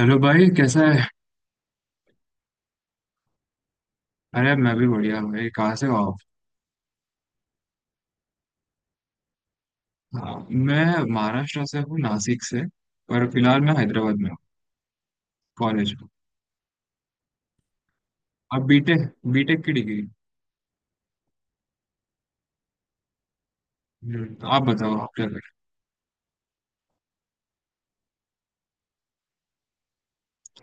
Hello भाई कैसा है। अरे मैं भी बढ़िया भाई, कहाँ से हो आप? हाँ, मैं महाराष्ट्र से हूँ, नासिक से। पर फिलहाल मैं हैदराबाद में हूँ, कॉलेज में। आप बीटेक, बीटेक की डिग्री। हम्म, आप बताओ आप क्या कर।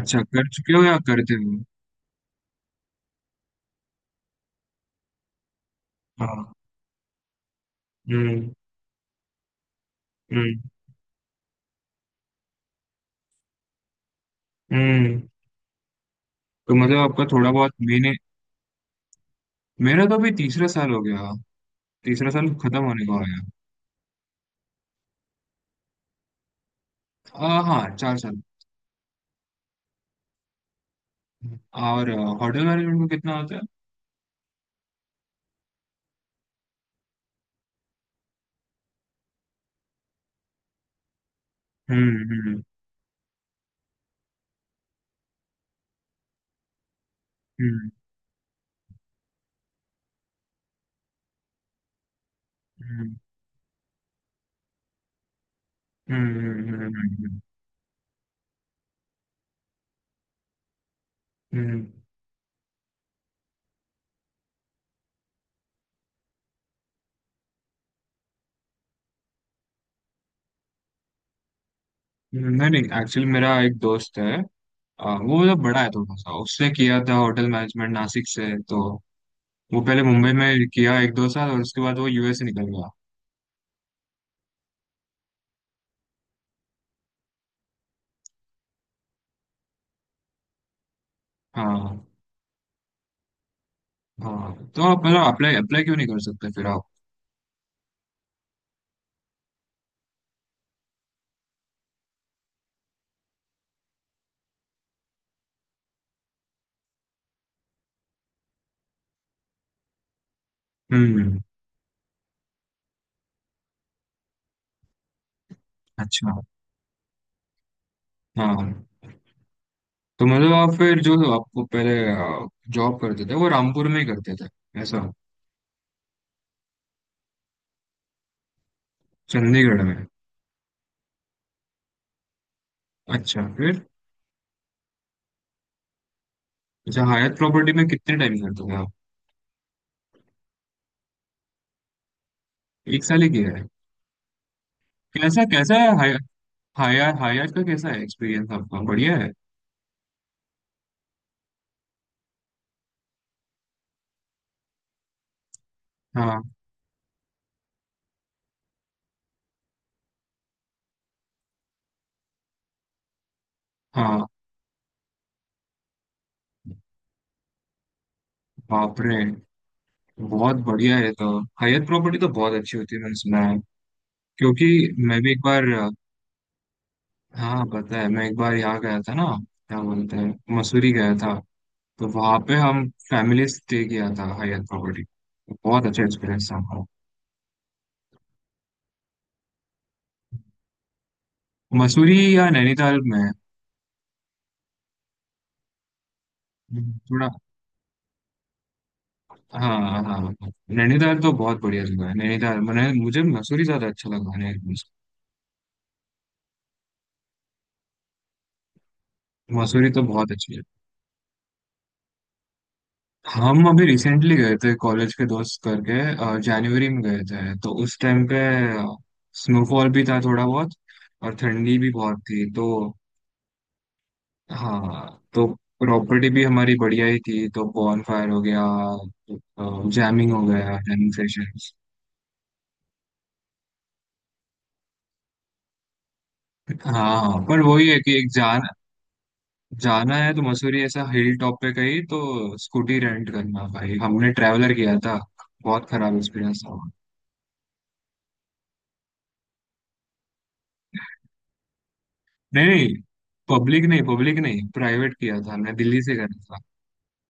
अच्छा, कर चुके हो या करते हो? हाँ। हम्म। हम्म। हम्म। तो मतलब आपका थोड़ा बहुत मैंने। मेरा तो अभी तीसरा साल हो गया, तीसरा साल खत्म होने को आया। हाँ, चार साल। और होटल मैनेजमेंट में कितना होता है? हम्म। हम्म। हम्म। हम्म। हम्म। हम्म। हम्म। हम्म। नहीं नहीं, एक्चुअली मेरा एक दोस्त है। वो मतलब बड़ा है थोड़ा सा, उसने किया था होटल मैनेजमेंट नासिक से। तो वो पहले मुंबई में किया एक दो साल, और उसके बाद वो यूएस से निकल गया। हाँ। हाँ, तो आप मतलब अप्लाई अप्लाई क्यों नहीं कर सकते फिर आप? हम्म। अच्छा। हाँ, तो मतलब आप फिर जो, आपको पहले जॉब करते थे वो रामपुर में ही करते थे ऐसा? चंडीगढ़ में। अच्छा, फिर। अच्छा, हयात प्रॉपर्टी में कितने टाइम करते थे आप? एक साल ही किया है। कैसा कैसा है, हायर हायर का कैसा है एक्सपीरियंस आपका, बढ़िया है? हाँ। हाँ। बाप रे, बहुत बढ़िया है। तो हायर प्रॉपर्टी तो बहुत अच्छी होती है, मैंने सुना है। क्योंकि मैं भी एक बार, हाँ पता है, मैं एक बार यहाँ गया था ना, क्या बोलते हैं, मसूरी गया था। तो वहाँ पे हम फैमिली स्टे किया था हायर प्रॉपर्टी। बहुत अच्छा एक्सपीरियंस था हमारा। मसूरी या नैनीताल में। थोड़ा, हाँ हाँ हाँ। नैनीताल तो बहुत बढ़िया जगह है नैनीताल। मैंने, मुझे मसूरी ज्यादा अच्छा लगा नैनीताल से। मसूरी तो बहुत अच्छी। हम अभी रिसेंटली गए थे कॉलेज के दोस्त करके, जनवरी में गए थे, तो उस टाइम पे स्नोफॉल भी था थोड़ा बहुत, और ठंडी भी बहुत थी। तो हाँ, तो प्रॉपर्टी भी हमारी बढ़िया ही थी, तो बॉनफायर हो गया, जैमिंग हो गया, जैमिंग सेशंस। हाँ, पर वही है कि एक जान जाना है तो मसूरी ऐसा हिल टॉप पे कहीं, तो स्कूटी रेंट करना भाई, हमने ट्रैवलर किया था। बहुत खराब एक्सपीरियंस था। नहीं नहीं, पब्लिक नहीं, पब्लिक नहीं, प्राइवेट किया था, मैं दिल्ली से करा था,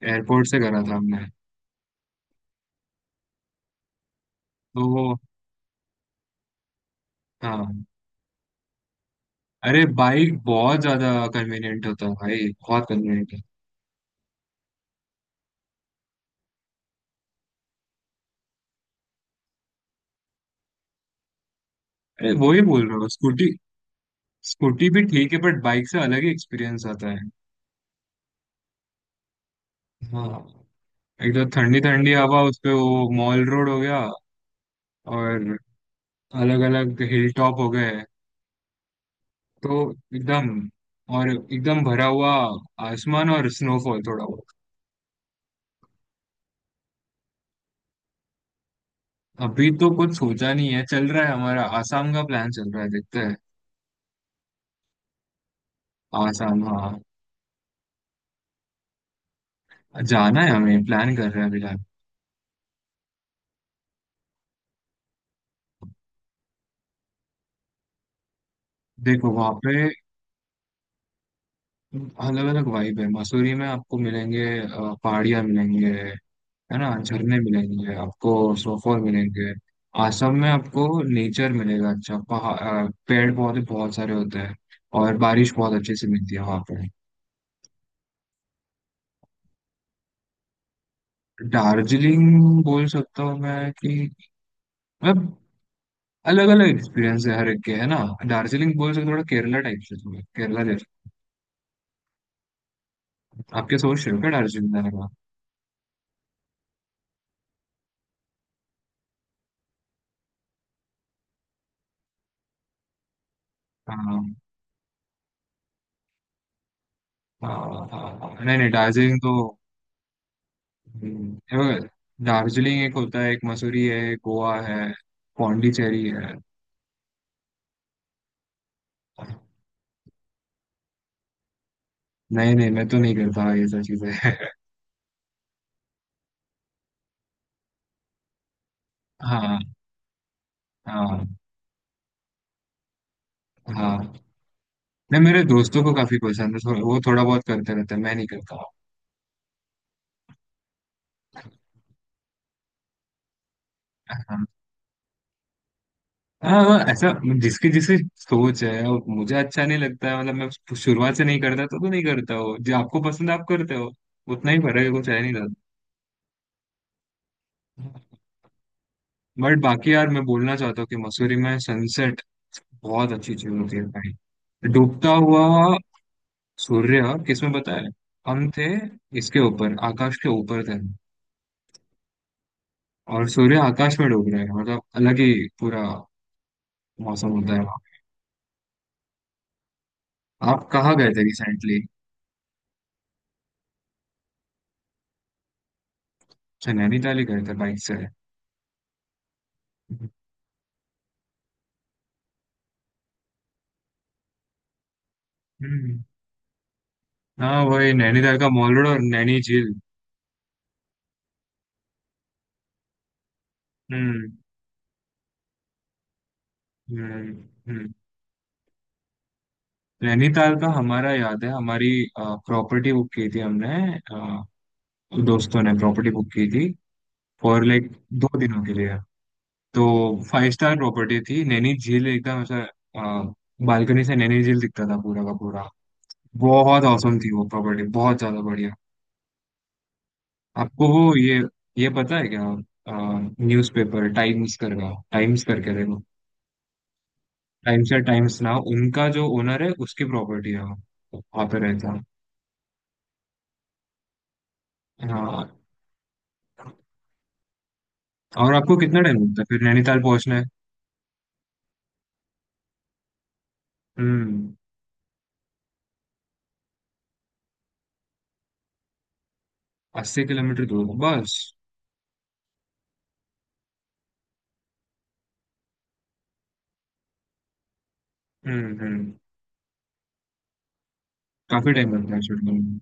एयरपोर्ट से करा था हमने। तो हाँ, अरे बाइक बहुत ज्यादा कन्वीनियंट होता है भाई, बहुत कन्वीनियंट है। अरे वही बोल रहा हूँ, स्कूटी, स्कूटी भी ठीक है, बट बाइक से अलग ही एक्सपीरियंस आता है। हाँ, एक तो ठंडी ठंडी हवा, उस पे वो मॉल रोड हो गया, और अलग अलग हिल टॉप हो गए। तो एकदम, और एकदम भरा हुआ आसमान, और स्नोफॉल थोड़ा। अभी तो कुछ सोचा नहीं है, चल रहा है हमारा, आसाम का प्लान चल रहा है, देखते हैं। आसाम, हाँ। जाना है हमें, प्लान कर रहे हैं अभी, लाइक, देखो वहाँ पे, अलग अलग वाइब है। मसूरी में आपको मिलेंगे पहाड़ियाँ मिलेंगे, है ना, झरने मिलेंगे आपको, स्नोफॉल मिलेंगे। आसम में आपको नेचर मिलेगा, अच्छा पहाड़, पेड़ पौधे बहुत सारे होते हैं, और बारिश बहुत अच्छे से मिलती है वहाँ पे। दार्जिलिंग बोल सकता हूँ मैं कि, मतलब अलग अलग एक्सपीरियंस है हर एक के, है ना। दार्जिलिंग बोल सकते हो, थोड़ा केरला टाइप से, थोड़ा केरला जैसे। आपके, सोच रहे हो क्या दार्जिलिंग जाने का? हाँ हाँ हाँ, हाँ। हाँ। नहीं नहीं, दार्जिलिंग तो। ये बघ, दार्जिलिंग एक होता है, एक मसूरी है, एक गोवा है, पौंडीचेरी है। नहीं नहीं, मैं तो नहीं करता ये सब चीजें। हाँ। हाँ। हाँ, नहीं मेरे दोस्तों को काफी पसंद है, वो थोड़ा बहुत करते रहते हैं, मैं नहीं करता। हाँ। हाँ हाँ, ऐसा जिसकी जिसकी सोच है, और मुझे अच्छा नहीं लगता है, मतलब मैं शुरुआत से नहीं करता, तो नहीं करता हो, जो आपको पसंद है आप करते हो। उतना ही फर्क है, कुछ है नहीं था। बट बाकी यार मैं बोलना चाहता हूँ कि मसूरी में सनसेट बहुत अच्छी चीज होती है भाई। डूबता हुआ सूर्य, किसमें पता है, हम थे इसके ऊपर, आकाश के ऊपर थे, और सूर्य आकाश में डूब रहे हैं, मतलब अलग ही पूरा मौसम होता है वहाँ। आप कहाँ गए थे रिसेंटली? अच्छा, नैनीताल ही गए थे बाइक से। हम्म। हाँ वही, नैनीताल का मॉल रोड और नैनी झील। हम्म। हम्म। हम्म। नैनीताल का हमारा, याद है हमारी प्रॉपर्टी बुक की थी हमने, अ, दोस्तों ने प्रॉपर्टी बुक की थी, फॉर लाइक दो दिनों के लिए। तो फाइव स्टार प्रॉपर्टी थी, नैनी झील एकदम ऐसा, बालकनी से नैनी झील दिखता था पूरा का पूरा। बहुत औसम थी वो प्रॉपर्टी, बहुत ज्यादा बढ़िया। आपको वो ये पता है क्या, न्यूज़पेपर टाइम्स करका, टाइम्स करके देखो, टाइम्स या टाइम्स नाउ, उनका जो ओनर है उसकी प्रॉपर्टी है वो, वहाँ पे रहता है। हाँ। और आपको कितना टाइम लगता है फिर नैनीताल पहुंचना है? हम्म। 80 किलोमीटर दूर है, बस। हम्म। हम्म। काफी टाइम लगता है शूटिंग में।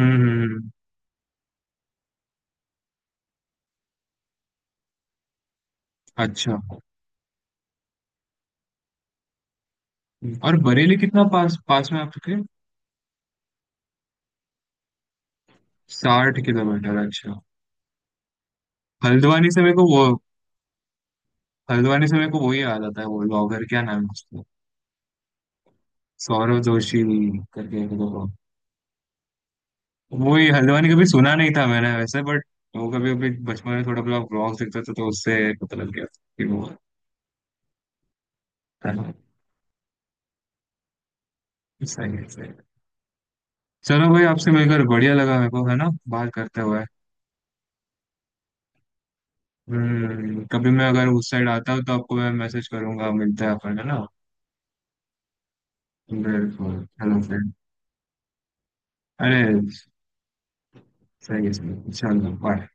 हम्म। हम्म। अच्छा। और बरेली कितना पास, पास में आपके? 60 किलोमीटर, अच्छा। हल्द्वानी से मेरे को वो, हल्द्वानी से मेरे को वही याद आता है, वो ब्लॉगर क्या नाम है उसका, सौरव जोशी करके एक लोग। वही, हल्द्वानी कभी सुना नहीं था मैंने वैसे, बट वो कभी, अभी बचपन में थोड़ा बहुत ब्लॉग्स देखता था, तो उससे पता लग गया था कि वो होता है। सही है, सही है। चलो भाई, आपसे मिलकर बढ़िया लगा मेरे को, है ना, बात करते हुए। हम्म, कभी मैं अगर उस साइड आता हूँ तो आपको मैं मैसेज करूंगा, मिलते हैं अपन, है ना। बिल्कुल। Hello friend. अरे, सही है सही है। चलो bye.